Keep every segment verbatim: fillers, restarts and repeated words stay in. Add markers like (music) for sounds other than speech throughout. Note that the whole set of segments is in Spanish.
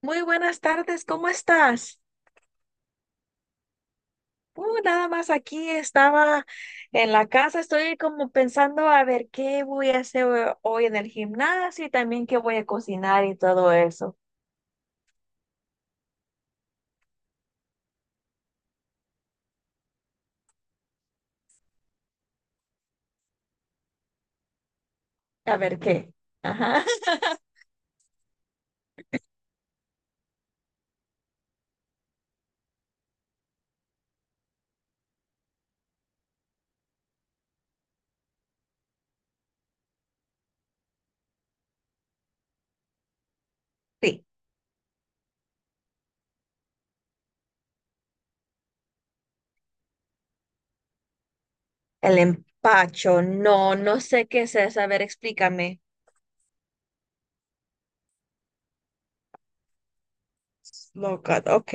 Muy buenas tardes, ¿cómo estás? Uh, nada más aquí estaba en la casa, estoy como pensando a ver qué voy a hacer hoy en el gimnasio y también qué voy a cocinar y todo eso. A ver qué. Ajá. (laughs) Sí, el empacho, no, no sé qué es eso. A ver, explícame. Slow cut, ok.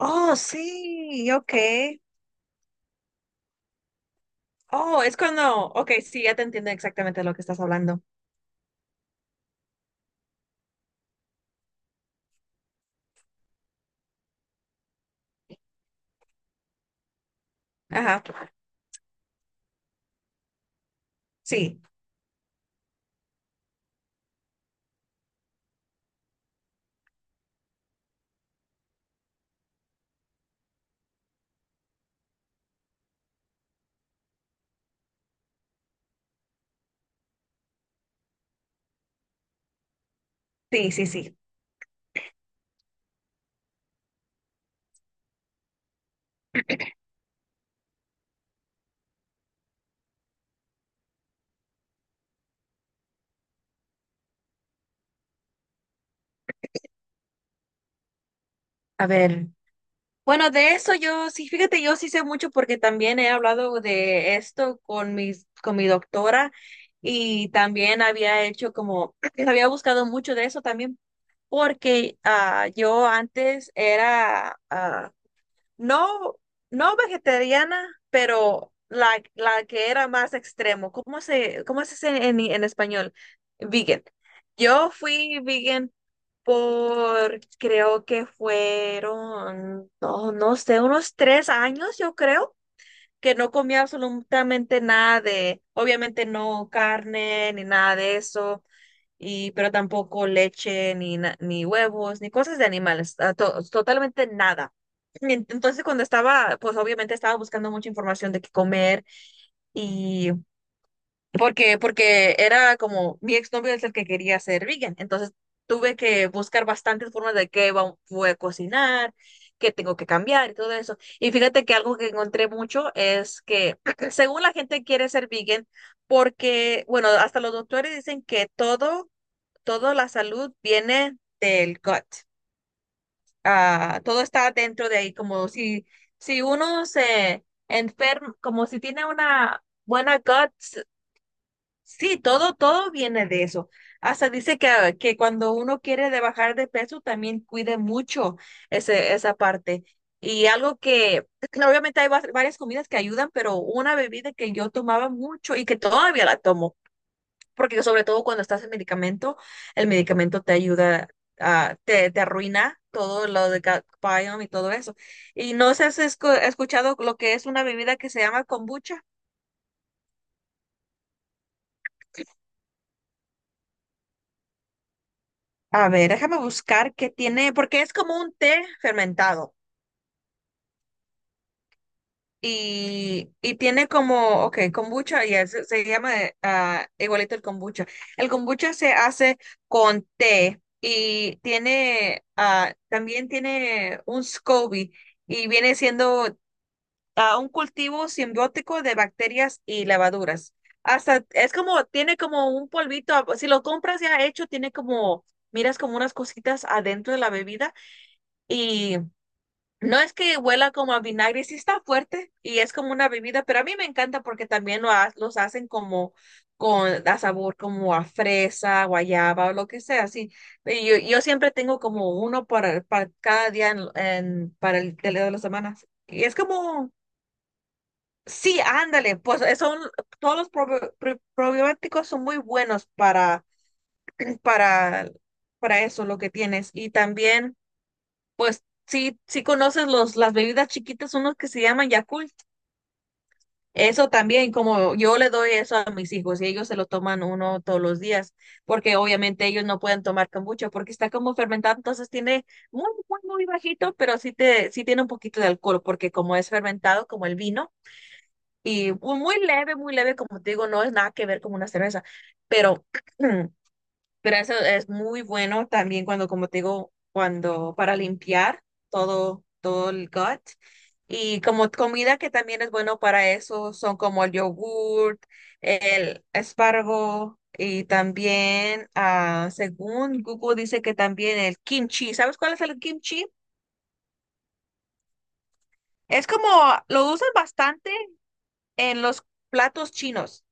Oh, sí, ok. Oh, es cuando, ok, sí, ya te entiendo exactamente lo que estás hablando. Ajá, sí, sí, sí, sí. A ver. Bueno, de eso yo sí, fíjate, yo sí sé mucho porque también he hablado de esto con mis, con mi doctora y también había hecho como, (clears throat) había buscado mucho de eso también porque ah, yo antes era, ah, no, no vegetariana, pero la, la que era más extremo. ¿Cómo se, cómo se dice en, en español? Vegan. Yo fui vegan por, creo que fueron, no, no sé, unos tres años, yo creo, que no comía absolutamente nada de, obviamente no carne ni nada de eso y pero tampoco leche, ni, na- ni huevos, ni cosas de animales, ah, to- totalmente nada. Y entonces cuando estaba, pues obviamente estaba buscando mucha información de qué comer y porque, porque era como mi exnovio es el que quería ser vegan, entonces tuve que buscar bastantes formas de qué va- voy a cocinar, qué tengo que cambiar y todo eso. Y fíjate que algo que encontré mucho es que (clears throat) según la gente quiere ser vegan, porque, bueno, hasta los doctores dicen que todo toda la salud viene del gut. Ah, todo está dentro de ahí, como si, si uno se enferma, como si tiene una buena gut, s- sí, todo, todo viene de eso. Hasta dice que, ah, que cuando uno quiere de bajar de peso, también cuide mucho ese, esa parte. Y algo que, (clears throat) claro, obviamente hay va- varias comidas que ayudan, pero una bebida que yo tomaba mucho y que todavía la tomo porque sobre todo cuando estás en medicamento, el medicamento te ayuda a, te, te arruina todo lo de gut biome y todo eso. Y no sé si has escu- escuchado lo que es una bebida que se llama kombucha. A ver, déjame buscar qué tiene, porque es como un té fermentado. Y, y tiene como, ok, kombucha, ya se, se llama eh, ah, igualito el kombucha. El kombucha se hace con té y tiene, ah, también tiene un SCOBY y viene siendo a un cultivo simbiótico de bacterias y levaduras. Hasta es como, tiene como un polvito, a- si lo compras ya hecho, tiene como, miras como unas cositas adentro de la bebida y no es que huela como a vinagre, sí está fuerte y es como una bebida, pero a mí me encanta porque también lo ha- los hacen como con a sabor como a fresa, guayaba o lo que sea, así. Y Yo, yo siempre tengo como uno para, para cada día en, en- para el de la semana. Y es como sí, ándale, pues eh, son todos los probi- pro- probióticos son muy buenos para para para eso lo que tienes y también pues sí sí conoces los las bebidas chiquitas unos que se llaman Yakult. Eso también como yo le doy eso a mis hijos y ellos se lo toman uno todos los días porque obviamente ellos no pueden tomar kombucha porque está como fermentado, entonces tiene muy muy muy bajito, pero sí te sí tiene un poquito de alcohol porque como es fermentado como el vino. Y mu- muy leve, muy leve, como te digo, no es nada que ver con una cerveza, pero, (clears throat) pero eso es muy bueno también cuando, como te digo, cuando para limpiar todo, todo el gut. Y como comida que también es bueno para eso, son como el yogurt, el espárrago y también, ah, según Google dice que también el kimchi. ¿Sabes cuál es el kimchi? Es como, lo usan bastante en los platos chinos.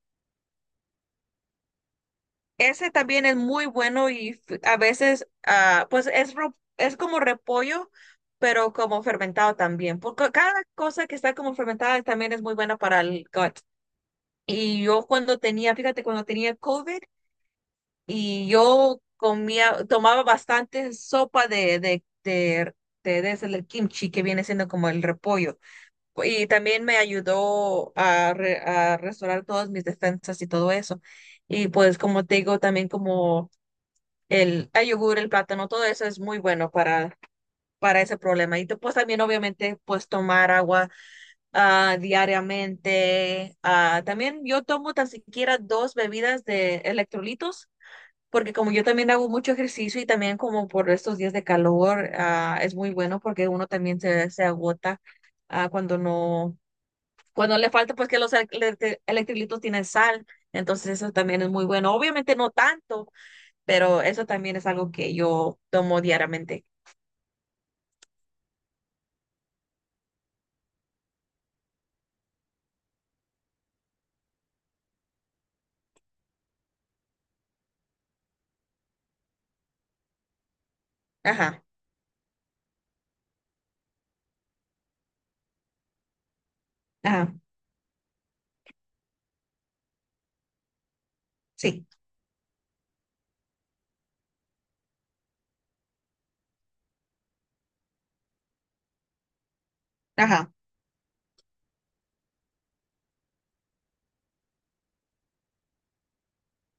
Ese también es muy bueno y f- a veces, ah, pues es, ro- es como repollo, pero como fermentado también, porque cada cosa que está como fermentada también es muy buena para el gut. Y yo cuando tenía, fíjate, cuando tenía COVID y yo comía, tomaba bastante sopa de, de, de, de, de ese, el kimchi que viene siendo como el repollo. Y también me ayudó a, re- a restaurar todas mis defensas y todo eso. Y pues como te digo, también como el, el yogur, el plátano, todo eso es muy bueno para, para ese problema. Y te- pues también obviamente pues tomar agua ah, diariamente. Ah, también yo tomo tan siquiera dos bebidas de electrolitos, porque como yo también hago mucho ejercicio y también como por estos días de calor, ah, es muy bueno porque uno también se, se agota ah, cuando no, cuando le falta pues que los electri- electrolitos tienen sal. Entonces eso también es muy bueno. Obviamente no tanto, pero eso también es algo que yo tomo diariamente. Ajá, ajá, sí, ajá,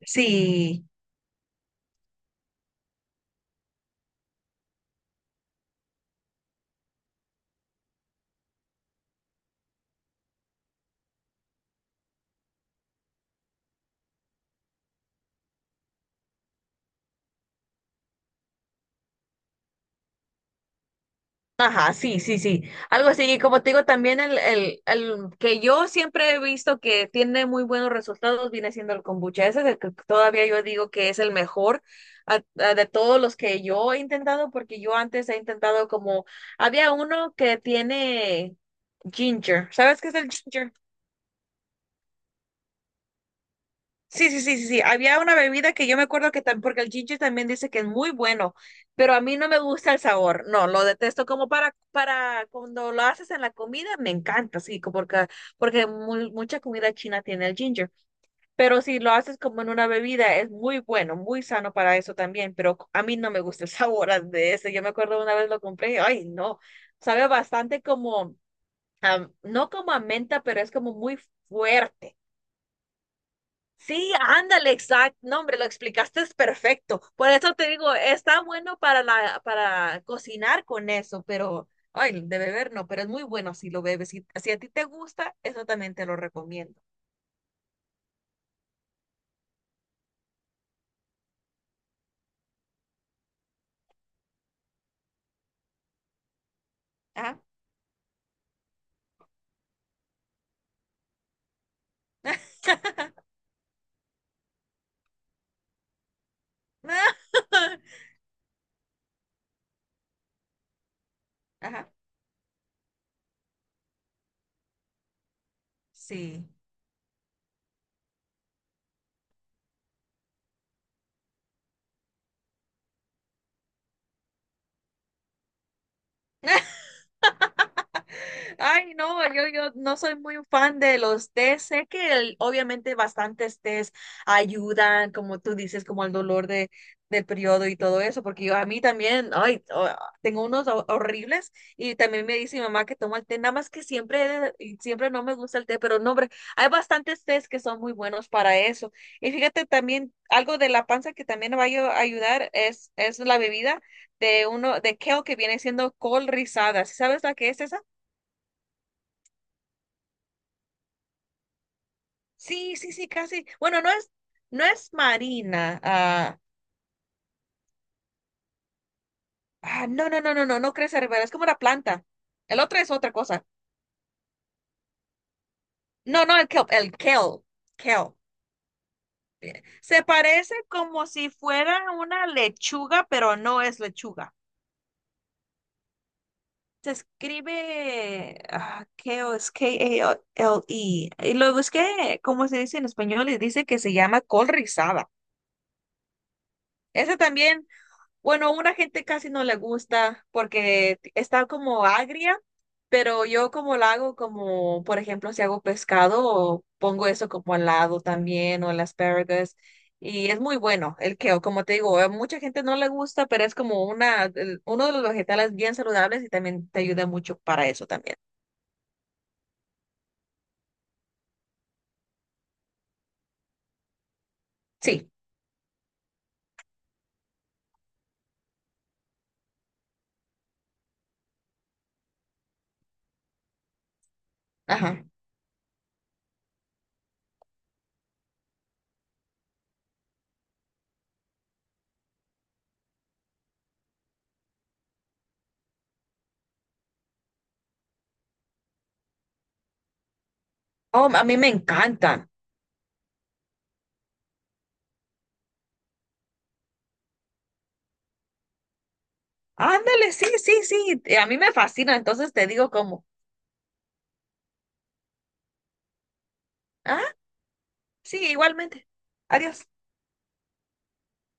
sí, ajá, sí, sí, sí. Algo así, y como te digo, también el, el, el que yo siempre he visto que tiene muy buenos resultados viene siendo el kombucha. Ese es el que todavía yo digo que es el mejor. A- a- de todos los que yo he intentado, porque yo antes he intentado como, había uno que tiene ginger, ¿sabes qué es el ginger? Sí, sí, sí, sí, sí. Había una bebida que yo me acuerdo que también, porque el ginger también dice que es muy bueno, pero a mí no me gusta el sabor. No, lo detesto como para, para cuando lo haces en la comida, me encanta, sí, como porque, porque mu- mucha comida china tiene el ginger. Pero si lo haces como en una bebida, es muy bueno, muy sano para eso también, pero a mí no me gusta el (laughs) sabor a- de ese. Yo me acuerdo una vez lo compré, y, ay, no, sabe bastante como, a- no como a menta, pero es como muy fuerte. Sí, ándale, exacto. No, hombre, lo explicaste es perfecto. Por eso te digo, está bueno para la, para cocinar con eso, pero, ay, de beber no, pero es muy bueno si lo bebes. Si, si a ti te gusta, eso también te lo recomiendo. Ajá. (laughs) Ajá. Sí. (laughs) Ay, no, yo, yo no soy muy fan de los tés. Sé que el- obviamente bastantes tés ayudan, como tú dices, como el dolor de, del periodo y todo eso, porque yo a mí también, ay, oh, tengo unos ho- horribles y también me dice mi mamá que toma el té, nada más que siempre, y siempre no me gusta el té, pero no, hombre, hay bastantes tés que son muy buenos para eso. Y fíjate también, algo de la panza que también va a ayu- ayudar es, es la bebida de uno, de kale que viene siendo col rizada. ¿Sí sabes la que es esa? Sí, sí, sí, casi. Bueno, no es, no es marina. Ah, ah, no, no, no, no, no, no crece ribera, es como una planta. El otro es otra cosa. No, no, el kelp, el kelp, kelp. Se parece como si fuera una lechuga, pero no es lechuga. Se escribe ah, kale, es K A L E. Y lo busqué, como se dice en español, y dice que se llama col rizada. Ese también. Bueno, una gente casi no le gusta porque t- está como agria, pero yo como la hago como, por ejemplo, si hago pescado, pongo eso como al lado también o el asparagus y es muy bueno el kale, como te digo, a mucha gente no le gusta, pero es como una, el- uno de los vegetales bien saludables y también te ayuda mucho para eso también. Sí, ajá. Oh, a mí me encantan. Ándale, sí, sí, sí, a mí me fascina, entonces te digo como, ah, sí, igualmente. Adiós.